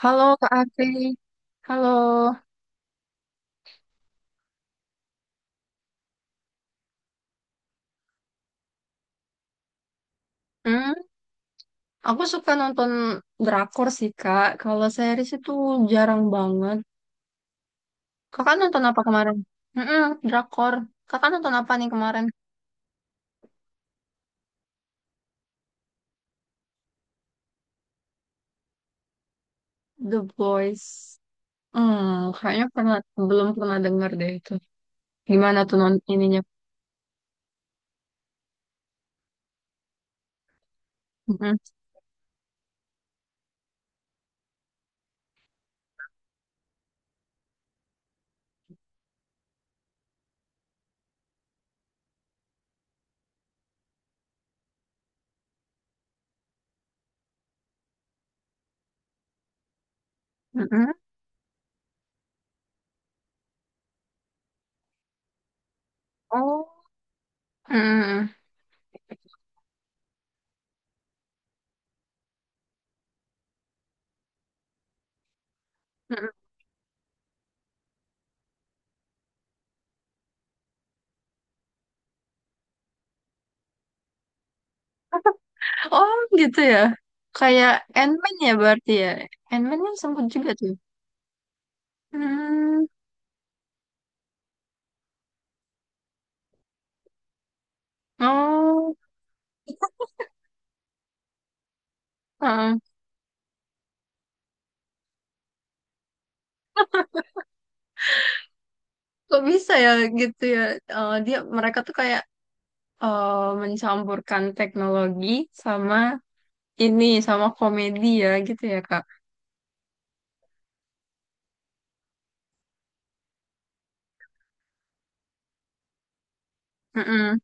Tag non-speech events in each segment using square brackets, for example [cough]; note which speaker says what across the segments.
Speaker 1: Halo Kak Afri, halo. Hmm, aku suka nonton drakor sih Kak. Kalau series itu jarang banget. Kakak nonton apa kemarin? Hmm, drakor. Kakak nonton apa nih kemarin? The Boys. Hmm, kayaknya pernah belum pernah dengar deh itu. Gimana tuh non ininya? Hmm, hmm. Oh, hmm. Mm-mm. Oh, gitu ya. Kayak Ant-Man ya berarti ya. Ant-Man kan sempat juga tuh. Hmm. Oh. Heeh. Kok bisa ya gitu ya? Dia mereka tuh kayak eh, mencampurkan teknologi sama ini sama komedi ya gitu ya Kak. Mm-mm.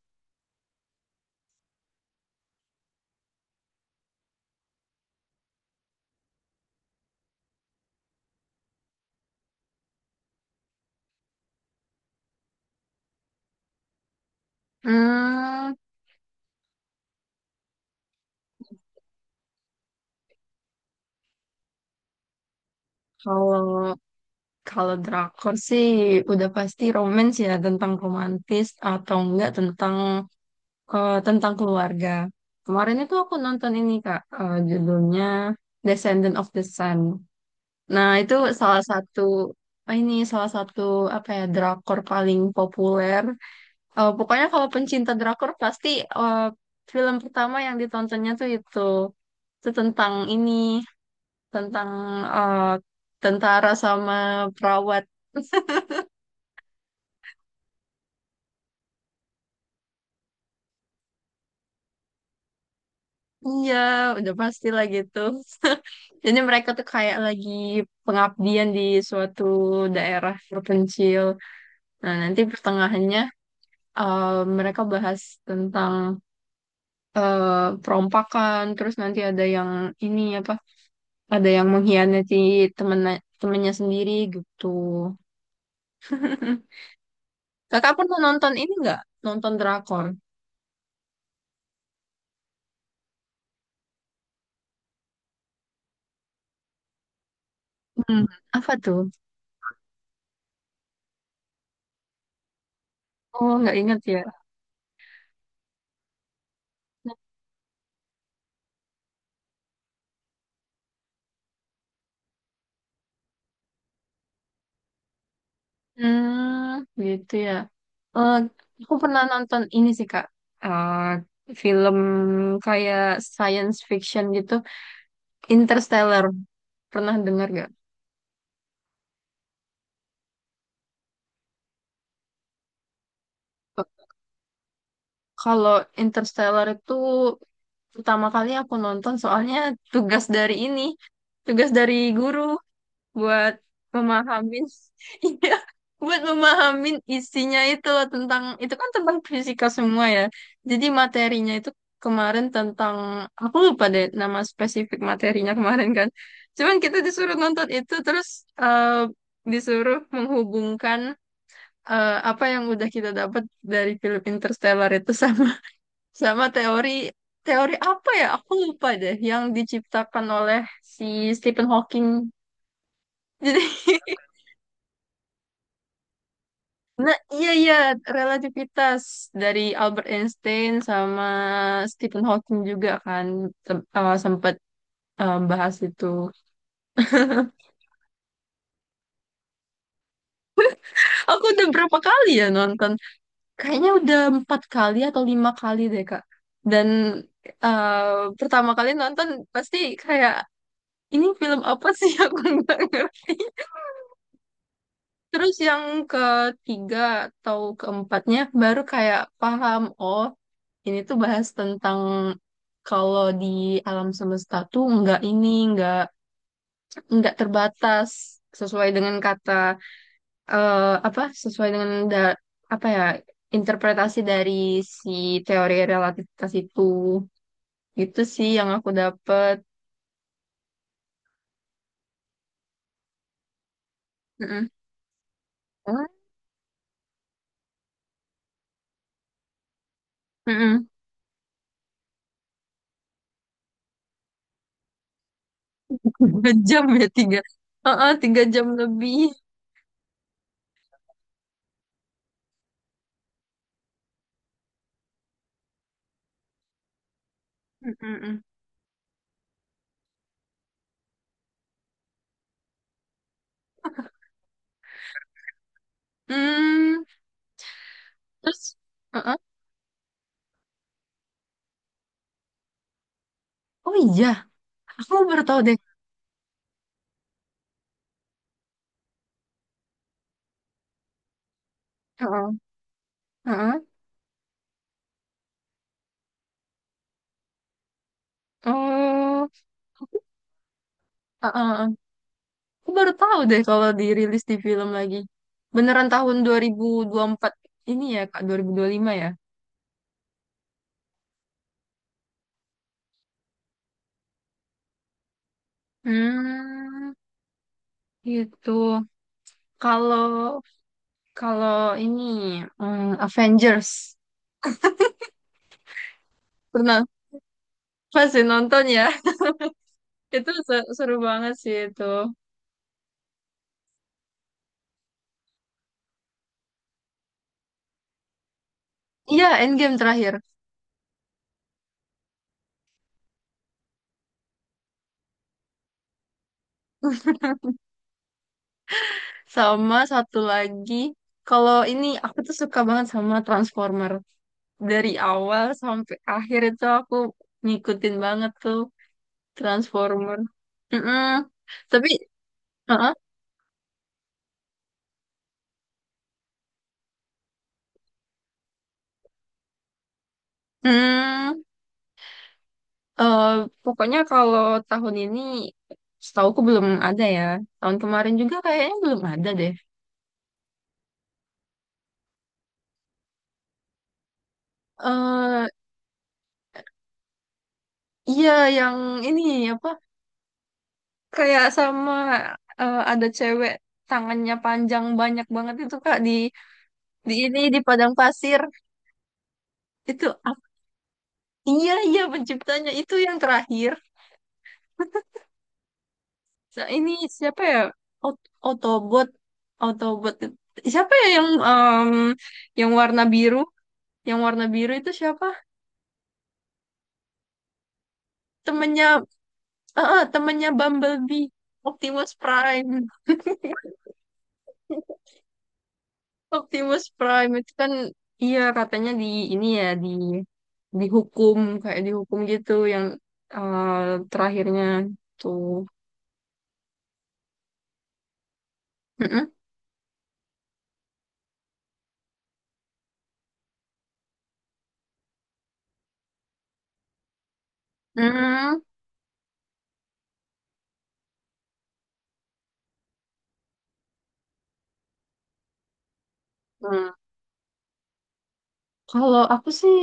Speaker 1: Hmm, kalau kalau drakor sih udah pasti romance ya tentang romantis atau enggak tentang tentang keluarga. Kemarin itu aku nonton ini Kak, judulnya Descendant of the Sun. Nah, itu salah satu. Oh, ini salah satu, apa ya, drakor paling populer. Pokoknya kalau pencinta drakor pasti eh, film pertama yang ditontonnya tuh itu tentang ini tentang eh, tentara sama perawat. Iya, udah pasti lah gitu. [laughs] Jadi mereka tuh kayak lagi pengabdian di suatu daerah terpencil. Nah, nanti pertengahannya eh, mereka bahas tentang eh, perompakan, terus nanti ada yang ini apa ada yang mengkhianati temennya temennya sendiri gitu. [laughs] Kakak pernah nonton ini nggak? Nonton drakor? Hmm, apa tuh? Oh, nggak ingat ya. Hmm, gitu ya. Eh, aku pernah nonton ini sih Kak. Eh, film kayak science fiction gitu, Interstellar. Pernah dengar nggak? Kalau Interstellar itu pertama kali aku nonton soalnya tugas dari ini, tugas dari guru, buat memahamin, [laughs] iya, buat memahamin isinya itu loh, tentang itu kan tentang fisika semua ya, jadi materinya itu kemarin tentang aku lupa deh nama spesifik materinya kemarin kan cuman kita disuruh nonton itu terus eh, disuruh menghubungkan apa yang udah kita dapat dari film Interstellar itu sama [laughs] sama teori teori apa ya aku lupa deh yang diciptakan oleh si Stephen Hawking jadi. [laughs] Nah, iya, iya, relativitas dari Albert Einstein sama Stephen Hawking juga kan sempet bahas itu. [laughs] Aku udah berapa kali ya nonton? Kayaknya udah 4 kali atau 5 kali deh, Kak. Dan eh, pertama kali nonton pasti kayak ini film apa sih, [laughs] aku nggak ngerti. Terus yang ketiga atau keempatnya baru kayak paham, oh, ini tuh bahas tentang kalau di alam semesta tuh nggak ini, nggak terbatas sesuai dengan kata eh, apa sesuai dengan apa ya interpretasi dari si teori relativitas itu. Itu sih yang aku dapet. Mm-mm. Hmm? Mm-mm. [laughs] Tiga jam ya tiga. Heeh, 3 jam lebih. Mm-mm. Hmm. Terus, heeh. Oh iya, aku baru tahu deh. Heeh, heeh. Oh, heeh, heeh. Aku baru tahu deh kalau dirilis di film lagi. Beneran tahun dua ribu 2004 ini ya, Kak, 2025 ya. Hmm, gitu. Kalau kalau ini, Avengers pernah pasti nonton ya. [laughs] Itu seru banget sih itu. Iya, Endgame terakhir. [laughs] Sama satu lagi, kalau ini aku tuh suka banget sama Transformer. Dari awal sampai akhir itu aku ngikutin banget tuh Transformer. Mm-mm. Tapi, uh-uh. Mm. eh, pokoknya kalau tahun ini setauku belum ada ya. Tahun kemarin juga kayaknya belum ada deh. Eh, iya, yang ini apa kayak sama ada cewek tangannya panjang banyak banget itu Kak di ini di padang pasir itu iya iya penciptanya itu yang terakhir. Ini siapa ya, Autobot, Autobot siapa ya, yang yang warna biru, yang warna biru itu siapa? Temennya, temennya Bumblebee, Optimus Prime. [laughs] Optimus Prime itu kan iya katanya di ini ya di dihukum, kayak dihukum gitu yang terakhirnya tuh. Mm-mm. Mm-mm. Hmm. Kalau aku sih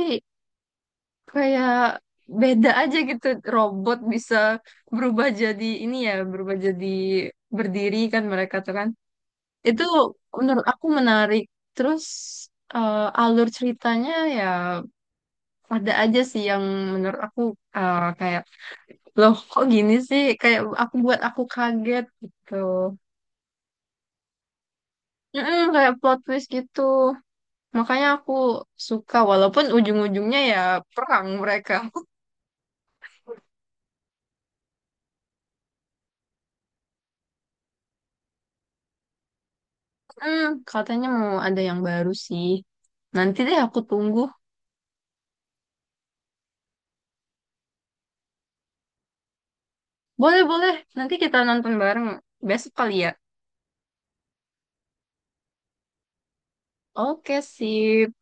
Speaker 1: kayak beda aja gitu. Robot bisa berubah jadi ini ya, berubah jadi berdiri kan mereka tuh kan. Itu menurut aku menarik. Terus alur ceritanya ya ada aja sih yang menurut aku kayak loh, kok gini sih? Kayak aku buat aku kaget gitu. Mm-mm, kayak plot twist gitu. Makanya aku suka walaupun ujung-ujungnya ya perang mereka. Hmm, katanya mau ada yang baru sih. Nanti deh aku tunggu. Boleh, boleh. Nanti kita nonton bareng besok kali ya. Oke, sip.